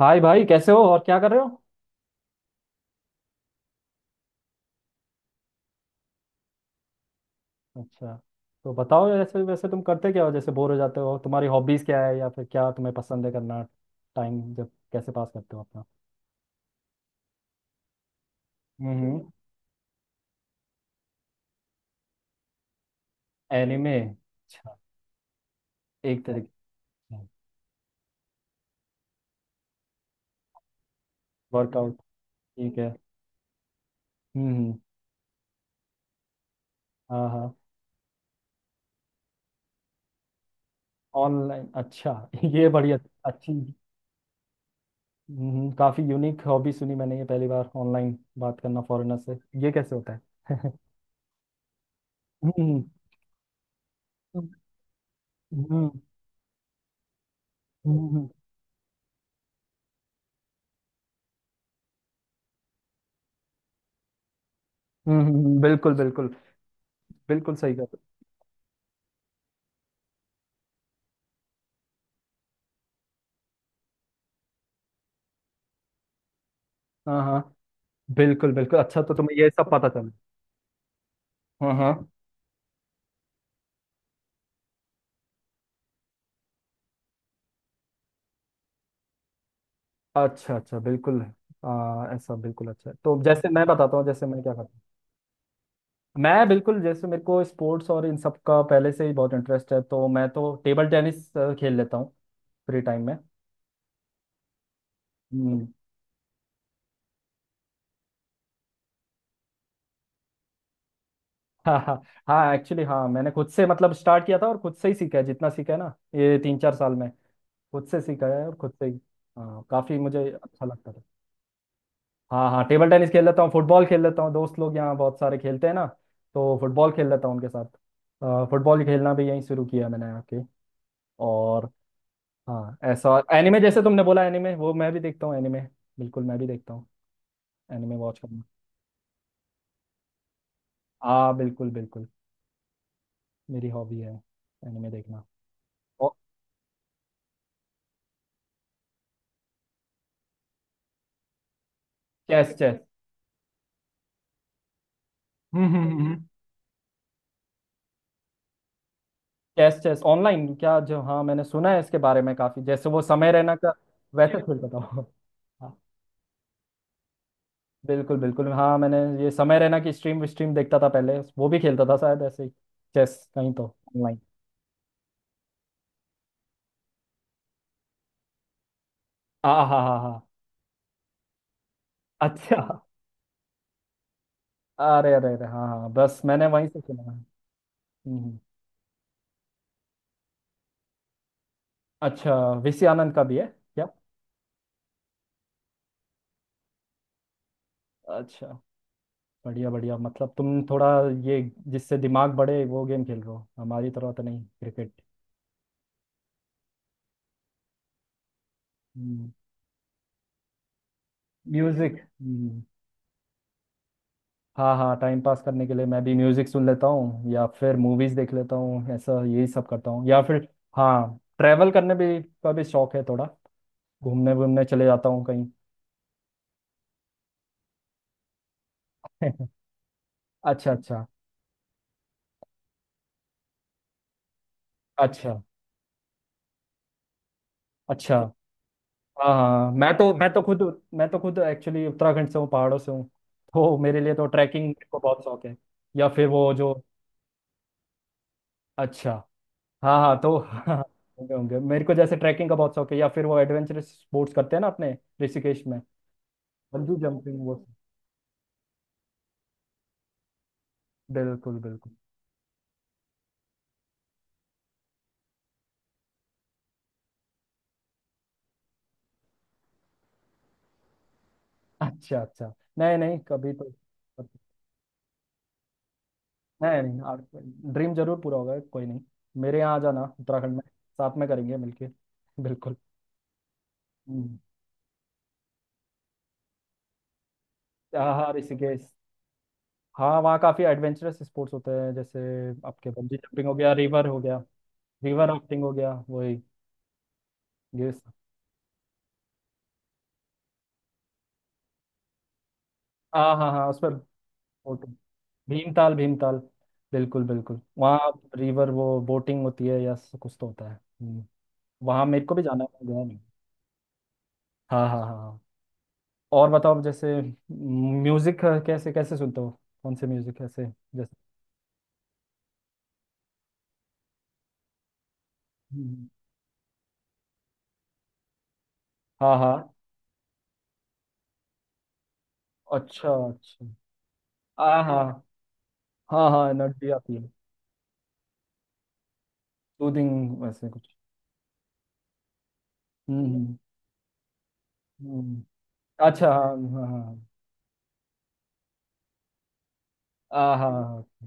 हाय भाई, कैसे हो और क्या कर रहे हो? अच्छा। तो बताओ, जैसे वैसे तुम करते क्या हो, जैसे बोर हो जाते हो, तुम्हारी हॉबीज क्या है या फिर क्या तुम्हें पसंद है करना। टाइम जब कैसे पास करते हो अपना? हम्म। एनिमे, अच्छा। एक तरीके। वर्कआउट। ठीक है। हम्म। हाँ हाँ। ऑनलाइन, अच्छा। ये बड़ी अच्छी। हम्म, काफी यूनिक हॉबी सुनी मैंने, ये पहली बार ऑनलाइन बात करना फॉरेनर से। ये कैसे होता है? हम्म। हम्म। हम्म। हम्म, बिल्कुल बिल्कुल। बिल्कुल सही कर। हाँ हाँ। बिल्कुल बिल्कुल। अच्छा, तो तुम्हें ये सब पता चला। हाँ हाँ। अच्छा अच्छा बिल्कुल। हाँ, ऐसा बिल्कुल अच्छा है। तो जैसे मैं बताता हूँ जैसे मैं क्या करता हूँ, मैं बिल्कुल जैसे मेरे को स्पोर्ट्स और इन सब का पहले से ही बहुत इंटरेस्ट है, तो मैं तो टेबल टेनिस खेल लेता हूँ फ्री टाइम में। हम्म। हाँ हाँ। हाँ, एक्चुअली हाँ मैंने खुद से मतलब स्टार्ट किया था, और खुद से ही सीखा है जितना सीखा है ना ये तीन चार साल में, खुद से सीखा है और खुद से ही। हाँ, काफ़ी मुझे अच्छा लगता है। हाँ हाँ, टेबल टेनिस खेल लेता हूँ, फुटबॉल खेल लेता हूँ, दोस्त लोग यहाँ बहुत सारे खेलते हैं ना, तो फुटबॉल खेल लेता हूँ उनके साथ। फुटबॉल खेलना भी यहीं शुरू किया मैंने आके। और हाँ, ऐसा एनिमे जैसे तुमने बोला, एनिमे वो मैं भी देखता हूँ, एनिमे बिल्कुल मैं भी देखता हूँ। एनिमे वॉच करना, हाँ बिल्कुल बिल्कुल। मेरी हॉबी है एनिमे देखना। और चेस चेस। हम्म। चेस चेस ऑनलाइन क्या, जो हाँ मैंने सुना है इसके बारे में, काफी जैसे वो समय रहना का। वैसे खेलता था वो। हाँ। बिल्कुल बिल्कुल, हाँ मैंने ये समय रहना की स्ट्रीम स्ट्रीम देखता था पहले, वो भी खेलता था शायद ऐसे ही, चेस कहीं तो ऑनलाइन। हाँ हाँ हाँ हाँ। अच्छा। अरे अरे अरे हाँ हाँ, बस मैंने वहीं से सुना है। हम्म। अच्छा। वीसी आनंद का भी है क्या? अच्छा बढ़िया बढ़िया, मतलब तुम थोड़ा ये जिससे दिमाग बढ़े वो गेम खेल रहे हो, हमारी तरह तो नहीं क्रिकेट। म्यूजिक। हाँ हाँ, टाइम पास करने के लिए मैं भी म्यूजिक सुन लेता हूँ या फिर मूवीज देख लेता हूँ, ऐसा यही सब करता हूँ, या फिर हाँ ट्रैवल करने भी का भी शौक है थोड़ा। घूमने घूमने चले जाता हूँ कहीं। अच्छा अच्छा। अच्छा अच्छा। हाँ हाँ, मैं तो खुद, मैं तो खुद एक्चुअली उत्तराखंड से हूँ, पहाड़ों से हूँ, तो मेरे लिए तो ट्रैकिंग को बहुत शौक है, या फिर वो जो। अच्छा, हाँ हाँ तो हाँ, होंगे होंगे। मेरे को जैसे ट्रैकिंग का बहुत शौक है या फिर वो एडवेंचरस स्पोर्ट्स करते हैं ना अपने ऋषिकेश में, बंजी जंपिंग वो। बिल्कुल बिल्कुल। अच्छा अच्छा। नहीं नहीं, कभी तो। नहीं नहीं, आप ड्रीम जरूर पूरा होगा, कोई नहीं। मेरे यहाँ आ जाना उत्तराखंड में, साथ में करेंगे मिलके। बिल्कुल। हम्म, हाँ हाँ, ऋषिकेश। हाँ, वहाँ काफ़ी एडवेंचरस स्पोर्ट्स होते हैं जैसे आपके बंजी जंपिंग हो गया, रिवर हो गया, रिवर राफ्टिंग हो गया, वही ये सब। हाँ हाँ हाँ उसमें बोट। भीमताल भीमताल, बिल्कुल बिल्कुल, वहाँ रिवर वो बोटिंग होती है या कुछ तो होता है। हम्म, वहाँ मेरे को भी जाना है, मैं गया नहीं। हाँ हाँ हाँ हाँ। और बताओ जैसे म्यूजिक कैसे कैसे सुनते हो, कौन से म्यूजिक कैसे, जैसे। हम्म, हाँ हाँ। अच्छा अच्छा। हाँ हाँ हाँ हाँ, एनर्जी आती है। सूदिंग वैसे कुछ। हम्म हम्म हम्म। अच्छा हाँ हाँ हाँ हाँ। हाँ हाँ, हाँ,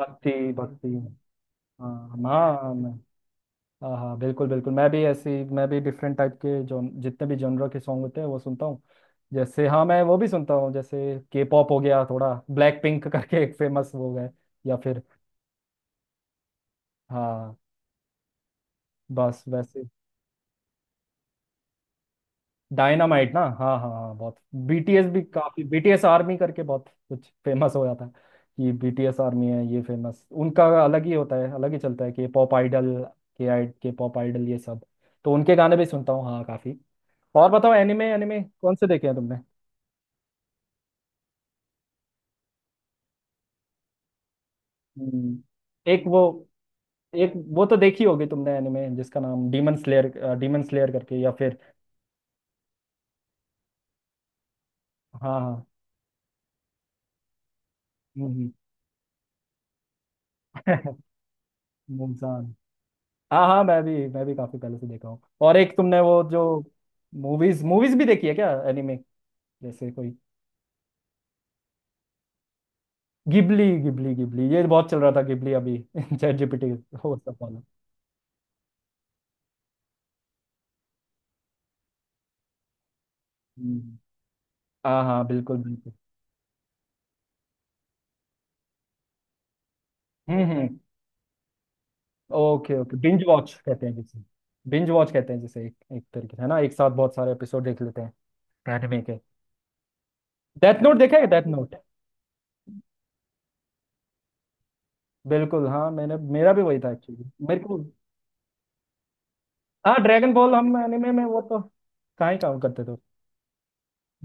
भक्ति भक्ति। हाँ हाँ हाँ, मैं हाँ हाँ बिल्कुल बिल्कुल, मैं भी डिफरेंट टाइप के जो जितने भी जॉनर के सॉन्ग होते हैं वो सुनता हूँ। जैसे हाँ मैं वो भी सुनता हूँ, जैसे के पॉप हो गया थोड़ा ब्लैक पिंक करके एक फेमस वो है, या फिर हाँ बस वैसे। डायनामाइट ना, हाँ हाँ हाँ बहुत। बीटीएस भी काफी, बीटीएस आर्मी करके बहुत कुछ फेमस हो जाता है कि बीटीएस आर्मी है, ये फेमस उनका अलग ही होता है, अलग ही चलता है कि पॉप आइडल, के आई के पॉप आइडल ये सब, तो उनके गाने भी सुनता हूँ हाँ काफी। और बताओ, एनिमे एनिमे कौन से देखे हैं तुमने? हम्म, एक वो एक वो तो देखी होगी तुमने एनिमे जिसका नाम डीमन स्लेयर, डीमन स्लेयर करके, या फिर हाँ हाँ। हम्म, हम्म। मुमसान। हाँ हाँ मैं भी काफी पहले से देखा हूँ। और एक तुमने वो जो मूवीज मूवीज भी देखी है क्या एनिमे, जैसे कोई गिबली गिबली गिबली, ये बहुत चल रहा था गिबली अभी चैट जीपीटी वो सब वाला। हम्म, हाँ हाँ बिल्कुल बिल्कुल। हम्म, ओके ओके, बिंज वॉच कहते हैं जिसे, बिंज वॉच कहते हैं जैसे एक एक तरीके से है ना, एक साथ बहुत सारे एपिसोड देख लेते हैं एनिमे के। डेथ नोट देखा है, डेथ नोट। बिल्कुल हाँ मैंने, मेरा भी वही था एक्चुअली मेरे को। हाँ ड्रैगन बॉल, हम एनिमे में वो तो कहाँ ही काम करते थे।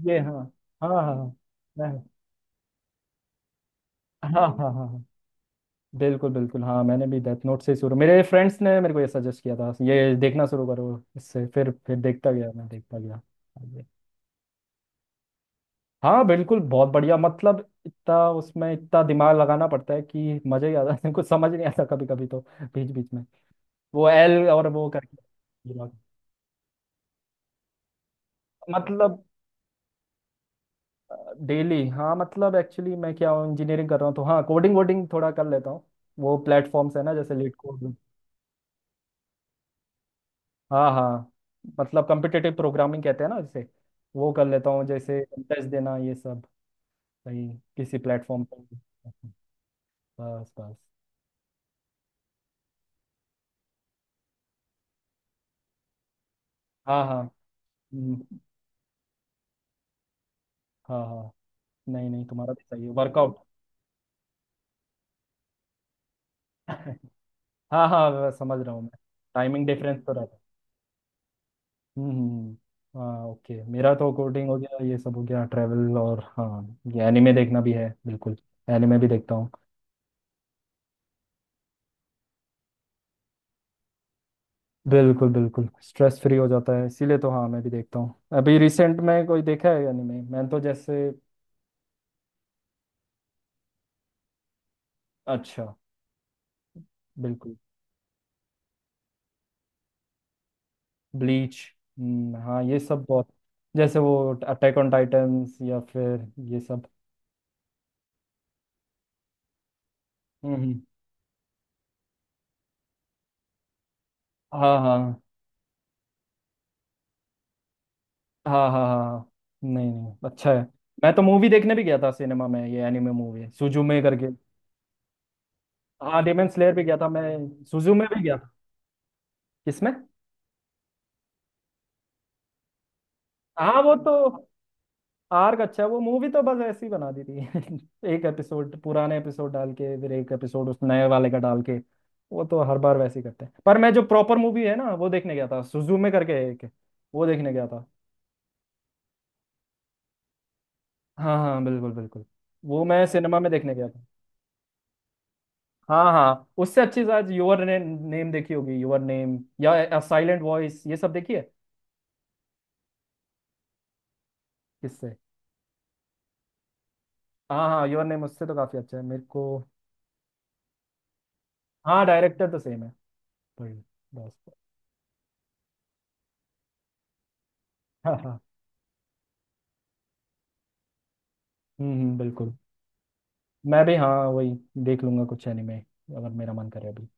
ये हाँ। हाँ हाँ हाँ मैं, हाँ हाँ हाँ हाँ, बिल्कुल बिल्कुल, हाँ मैंने भी डेथ नोट से शुरू, मेरे फ्रेंड्स ने मेरे को ये सजेस्ट किया था ये देखना शुरू करो, इससे फिर देखता गया, मैं देखता गया आगे। हाँ बिल्कुल बहुत बढ़िया, मतलब इतना उसमें इतना दिमाग लगाना पड़ता है कि मजा ही आ जाता है, कुछ समझ नहीं आता कभी कभी तो, बीच बीच में, वो एल और वो करके। मतलब डेली हाँ, मतलब एक्चुअली मैं क्या इंजीनियरिंग कर रहा हूँ तो हाँ कोडिंग वोडिंग थोड़ा कर लेता हूँ, वो प्लेटफॉर्म्स है ना जैसे लीड कोड। हाँ हाँ। मतलब कम्पिटिटिव प्रोग्रामिंग कहते हैं ना जैसे, वो कर लेता हूँ, जैसे टेस्ट देना ये सब, कहीं किसी प्लेटफॉर्म पर। बस बस। हाँ हाँ। हम्म, हाँ हाँ, नहीं नहीं तुम्हारा तो सही है वर्कआउट। हाँ हाँ मैं समझ रहा हूँ, मैं टाइमिंग डिफरेंस तो रहता है। हाँ ओके, मेरा तो कोडिंग हो गया ये सब हो गया, ट्रैवल और हाँ ये एनिमे देखना भी है बिल्कुल, एनिमे भी देखता हूँ। बिल्कुल बिल्कुल स्ट्रेस फ्री हो जाता है, इसीलिए तो हाँ मैं भी देखता हूँ, अभी रिसेंट में कोई देखा है एनिमे मैंने तो जैसे। अच्छा। बिल्कुल। ब्लीच, हाँ ये सब बहुत, जैसे वो अटैक ऑन टाइटन्स या फिर ये सब। हम्म हम्म, हाँ हाँ हाँ हाँ हाँ हाँ। नहीं नहीं अच्छा है। मैं तो मूवी देखने भी गया था सिनेमा में, ये एनिमे मूवी है सुजुमे करके। हाँ डेमन स्लेयर भी गया था मैं, सुजुमे भी गया था। किसमें? हाँ वो तो आर्क अच्छा है, वो मूवी तो बस ऐसी बना दी थी एक एपिसोड पुराने एपिसोड डाल के फिर एक एपिसोड उस नए वाले का डाल के, वो तो हर बार वैसे ही करते हैं, पर मैं जो प्रॉपर मूवी है ना वो देखने गया था सुजुमे करके है एक, वो देखने गया था। हाँ हाँ बिल्कुल बिल्कुल, वो मैं सिनेमा में देखने गया था। हाँ हाँ, उससे अच्छी शायद योर नेम देखी होगी, योर नेम या साइलेंट वॉइस ये सब देखी है। किससे? हाँ हाँ, योर नेम उससे तो काफी अच्छा है मेरे को। हाँ डायरेक्टर तो सेम है पर, बस। हाँ हाँ। बिल्कुल। मैं भी हाँ वही, देख लूंगा कुछ एनिमे अगर मेरा मन करे अभी।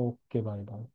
Okay bye bye.